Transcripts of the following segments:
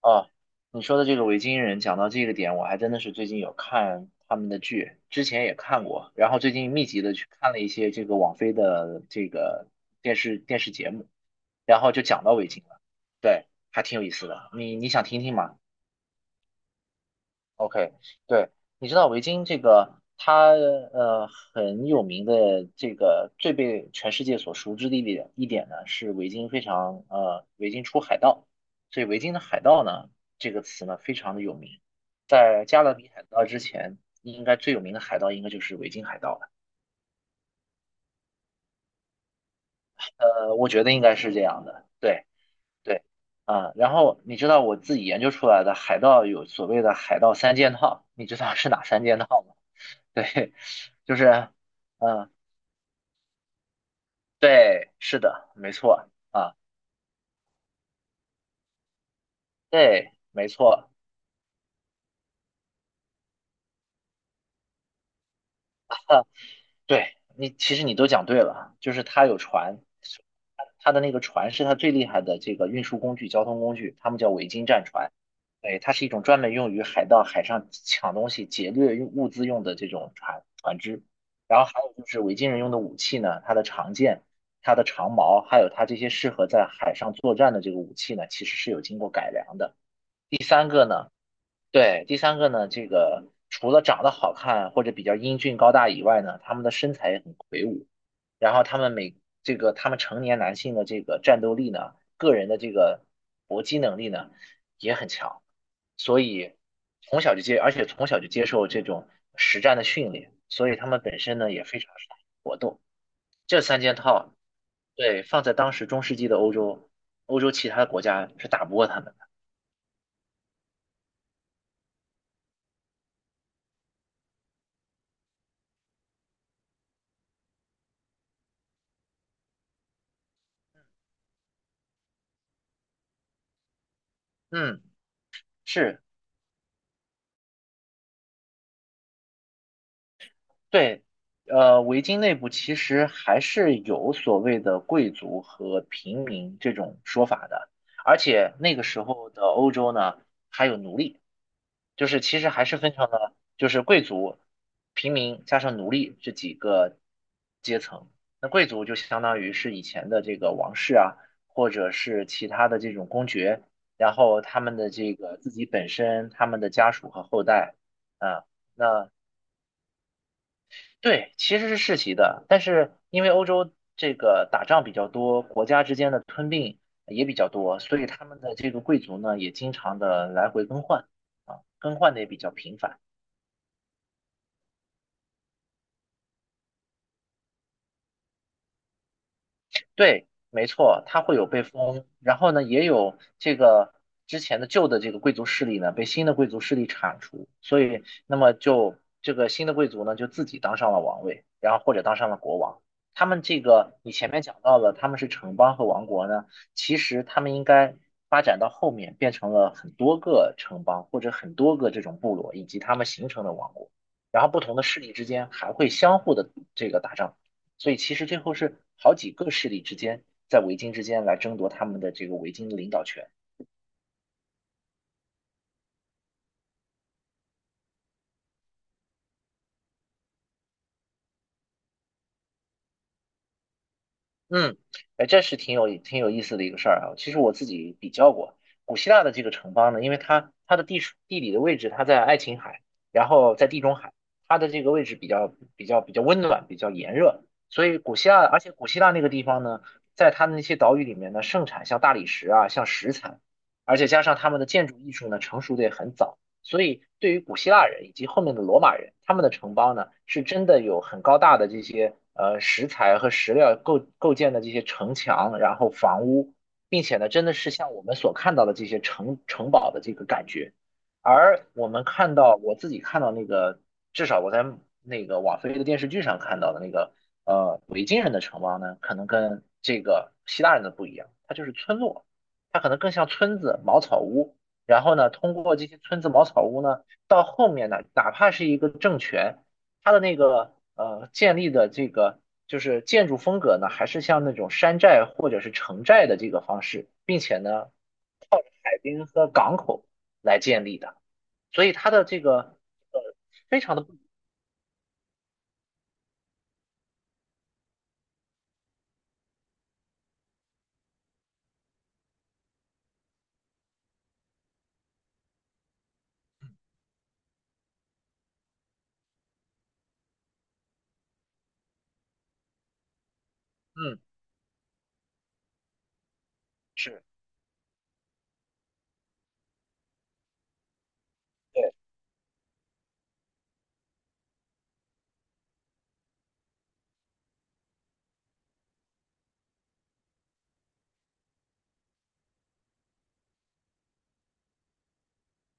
哦，你说的这个维京人，讲到这个点，我还真的是最近有看他们的剧，之前也看过，然后最近密集的去看了一些这个网飞的这个电视节目，然后就讲到维京了。对，还挺有意思的。你想听听吗？OK。对，你知道维京这个，它很有名的这个最被全世界所熟知的一点呢，是维京非常呃维京出海盗，所以维京的海盗呢，这个词呢非常的有名。在加勒比海盗之前，应该最有名的海盗应该就是维京海盗了。我觉得应该是这样的。对对啊，然后你知道我自己研究出来的海盗有所谓的海盗三件套，你知道是哪三件套吗？对，就是，嗯，对，是的，没错啊。对，没错。对，你，其实你都讲对了，就是它有船。它的那个船是它最厉害的这个运输工具、交通工具，他们叫维京战船。对，它是一种专门用于海盗海上抢东西、劫掠用物资用的这种船只，然后还有就是维京人用的武器呢，它的长剑、它的长矛，还有它这些适合在海上作战的这个武器呢，其实是有经过改良的。第三个呢。对，第三个呢，这个除了长得好看或者比较英俊高大以外呢，他们的身材也很魁梧，然后他们每这个他们成年男性的这个战斗力呢，个人的这个搏击能力呢也很强。所以从小就接，而且从小就接受这种实战的训练，所以他们本身呢也非常善于搏斗。这三件套，对，放在当时中世纪的欧洲，欧洲其他的国家是打不过他们的。嗯，是。对，维京内部其实还是有所谓的贵族和平民这种说法的，而且那个时候的欧洲呢，还有奴隶，就是其实还是分成了就是贵族、平民加上奴隶这几个阶层。那贵族就相当于是以前的这个王室啊，或者是其他的这种公爵，然后他们的这个自己本身、他们的家属和后代，啊。那对，其实是世袭的，但是因为欧洲这个打仗比较多，国家之间的吞并也比较多，所以他们的这个贵族呢也经常的来回更换啊，更换的也比较频繁。对，没错，它会有被封，然后呢，也有这个之前的旧的这个贵族势力呢，被新的贵族势力铲除，所以那么就这个新的贵族呢，就自己当上了王位，然后或者当上了国王。他们这个你前面讲到了，他们是城邦和王国呢，其实他们应该发展到后面变成了很多个城邦或者很多个这种部落以及他们形成的王国，然后不同的势力之间还会相互的这个打仗。所以其实最后是好几个势力之间在维京之间来争夺他们的这个维京的领导权。嗯。哎，这是挺有意思的一个事儿啊。其实我自己比较过古希腊的这个城邦呢，因为它的地处地理的位置，它在爱琴海，然后在地中海，它的这个位置比较温暖，比较炎热。所以古希腊，而且古希腊那个地方呢，在它的那些岛屿里面呢，盛产像大理石啊，像石材，而且加上他们的建筑艺术呢，成熟的也很早。所以，对于古希腊人以及后面的罗马人，他们的城邦呢，是真的有很高大的这些石材和石料构建的这些城墙，然后房屋，并且呢，真的是像我们所看到的这些城堡的这个感觉。而我自己看到那个，至少我在那个网飞的电视剧上看到的那个维京人的城邦呢，可能跟这个希腊人的不一样，它就是村落，它可能更像村子、茅草屋。然后呢，通过这些村子茅草屋呢，到后面呢，哪怕是一个政权，它的那个建立的这个就是建筑风格呢，还是像那种山寨或者是城寨的这个方式，并且呢，海滨和港口来建立的，所以它的这个呃非常的不，嗯，是对，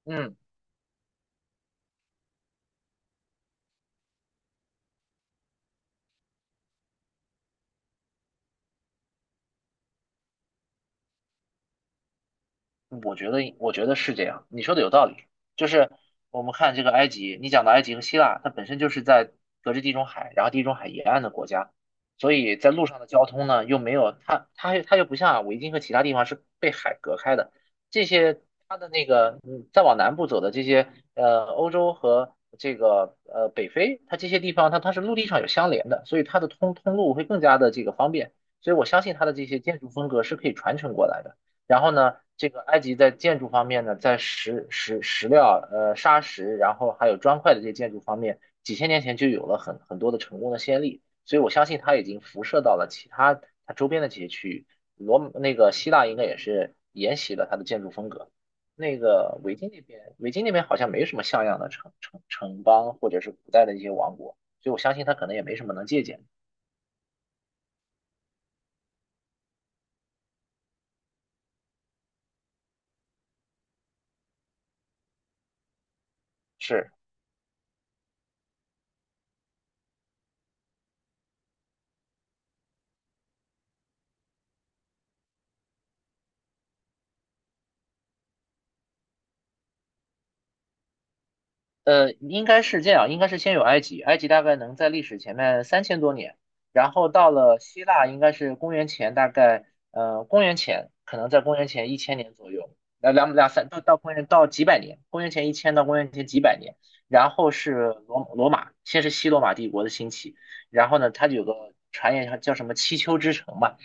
嗯。我觉得是这样，你说的有道理。就是我们看这个埃及，你讲的埃及和希腊，它本身就是在隔着地中海，然后地中海沿岸的国家，所以在路上的交通呢，又没有它，它又不像维京和其他地方是被海隔开的。这些它的那个，嗯，再往南部走的这些，欧洲和这个北非，它这些地方它是陆地上有相连的，所以它的通路会更加的这个方便。所以我相信它的这些建筑风格是可以传承过来的。然后呢，这个埃及在建筑方面呢，在石料、砂石，然后还有砖块的这些建筑方面，几千年前就有了很多的成功的先例，所以我相信它已经辐射到了其他它周边的这些区域。那个希腊应该也是沿袭了它的建筑风格。那个维京那边，维京那边好像没什么像样的城邦或者是古代的一些王国，所以我相信它可能也没什么能借鉴的。是。应该是这样，应该是先有埃及，埃及大概能在历史前面三千多年，然后到了希腊，应该是公元前大概，公元前可能在公元前一千年左右，两三到公元到几百年，公元前一千到公元前几百年，然后是罗马，先是西罗马帝国的兴起，然后呢，它有个传言叫什么七丘之城嘛，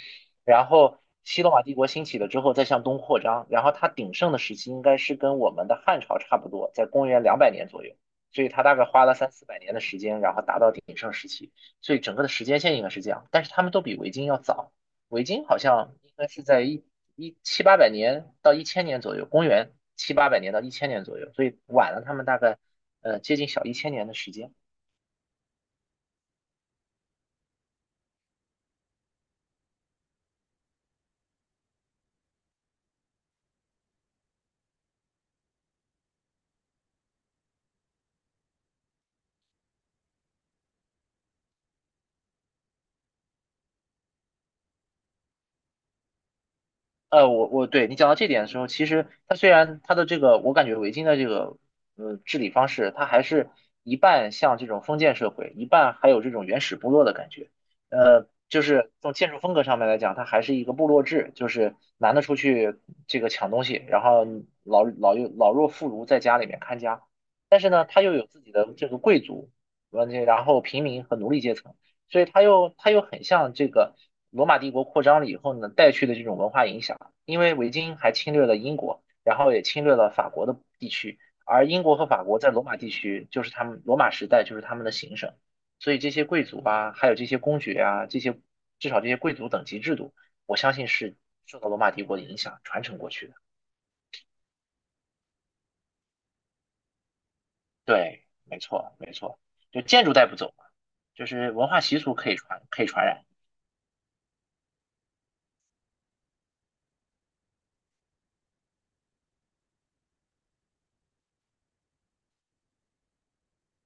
然后西罗马帝国兴起了之后，再向东扩张，然后它鼎盛的时期应该是跟我们的汉朝差不多，在公元两百年左右，所以它大概花了三四百年的时间，然后达到鼎盛时期，所以整个的时间线应该是这样，但是他们都比维京要早，维京好像应该是在七八百年到一千年左右，公元七八百年到一千年左右，所以晚了他们大概接近小一千年的时间。我对你讲到这点的时候，其实它虽然它的这个，我感觉维京的这个治理方式，它还是一半像这种封建社会，一半还有这种原始部落的感觉。就是从建筑风格上面来讲，它还是一个部落制，就是男的出去这个抢东西，然后老弱妇孺在家里面看家。但是呢，他又有自己的这个贵族，完全然后平民和奴隶阶层。所以它又很像这个罗马帝国扩张了以后呢带去的这种文化影响，因为维京还侵略了英国，然后也侵略了法国的地区，而英国和法国在罗马地区就是他们罗马时代就是他们的行省，所以这些贵族啊，还有这些公爵啊，这些至少这些贵族等级制度，我相信是受到罗马帝国的影响传承过去的。对，没错没错，就建筑带不走嘛，就是文化习俗可以传染。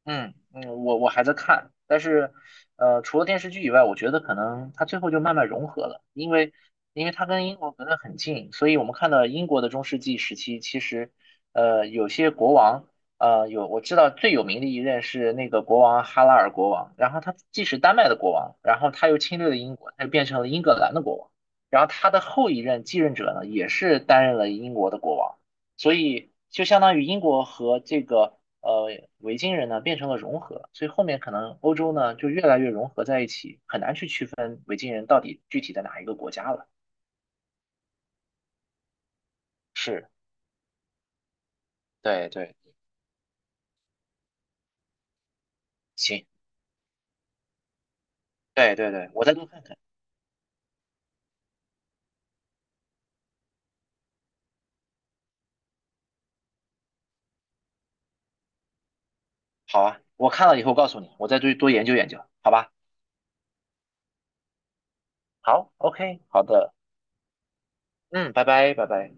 嗯嗯，我还在看，但是，除了电视剧以外，我觉得可能它最后就慢慢融合了，因为它跟英国隔得很近，所以我们看到英国的中世纪时期，其实，有些国王，有我知道最有名的一任是那个国王哈拉尔国王，然后他既是丹麦的国王，然后他又侵略了英国，他就变成了英格兰的国王，然后他的后一任继任者呢，也是担任了英国的国王。所以就相当于英国和这个呃维京人呢变成了融合，所以后面可能欧洲呢就越来越融合在一起，很难去区分维京人到底具体的哪一个国家了。是，对对，行，对对对，我再多看看。好啊，我看了以后告诉你，我再多多研究研究，好吧？好，OK，好的，嗯，拜拜，拜拜。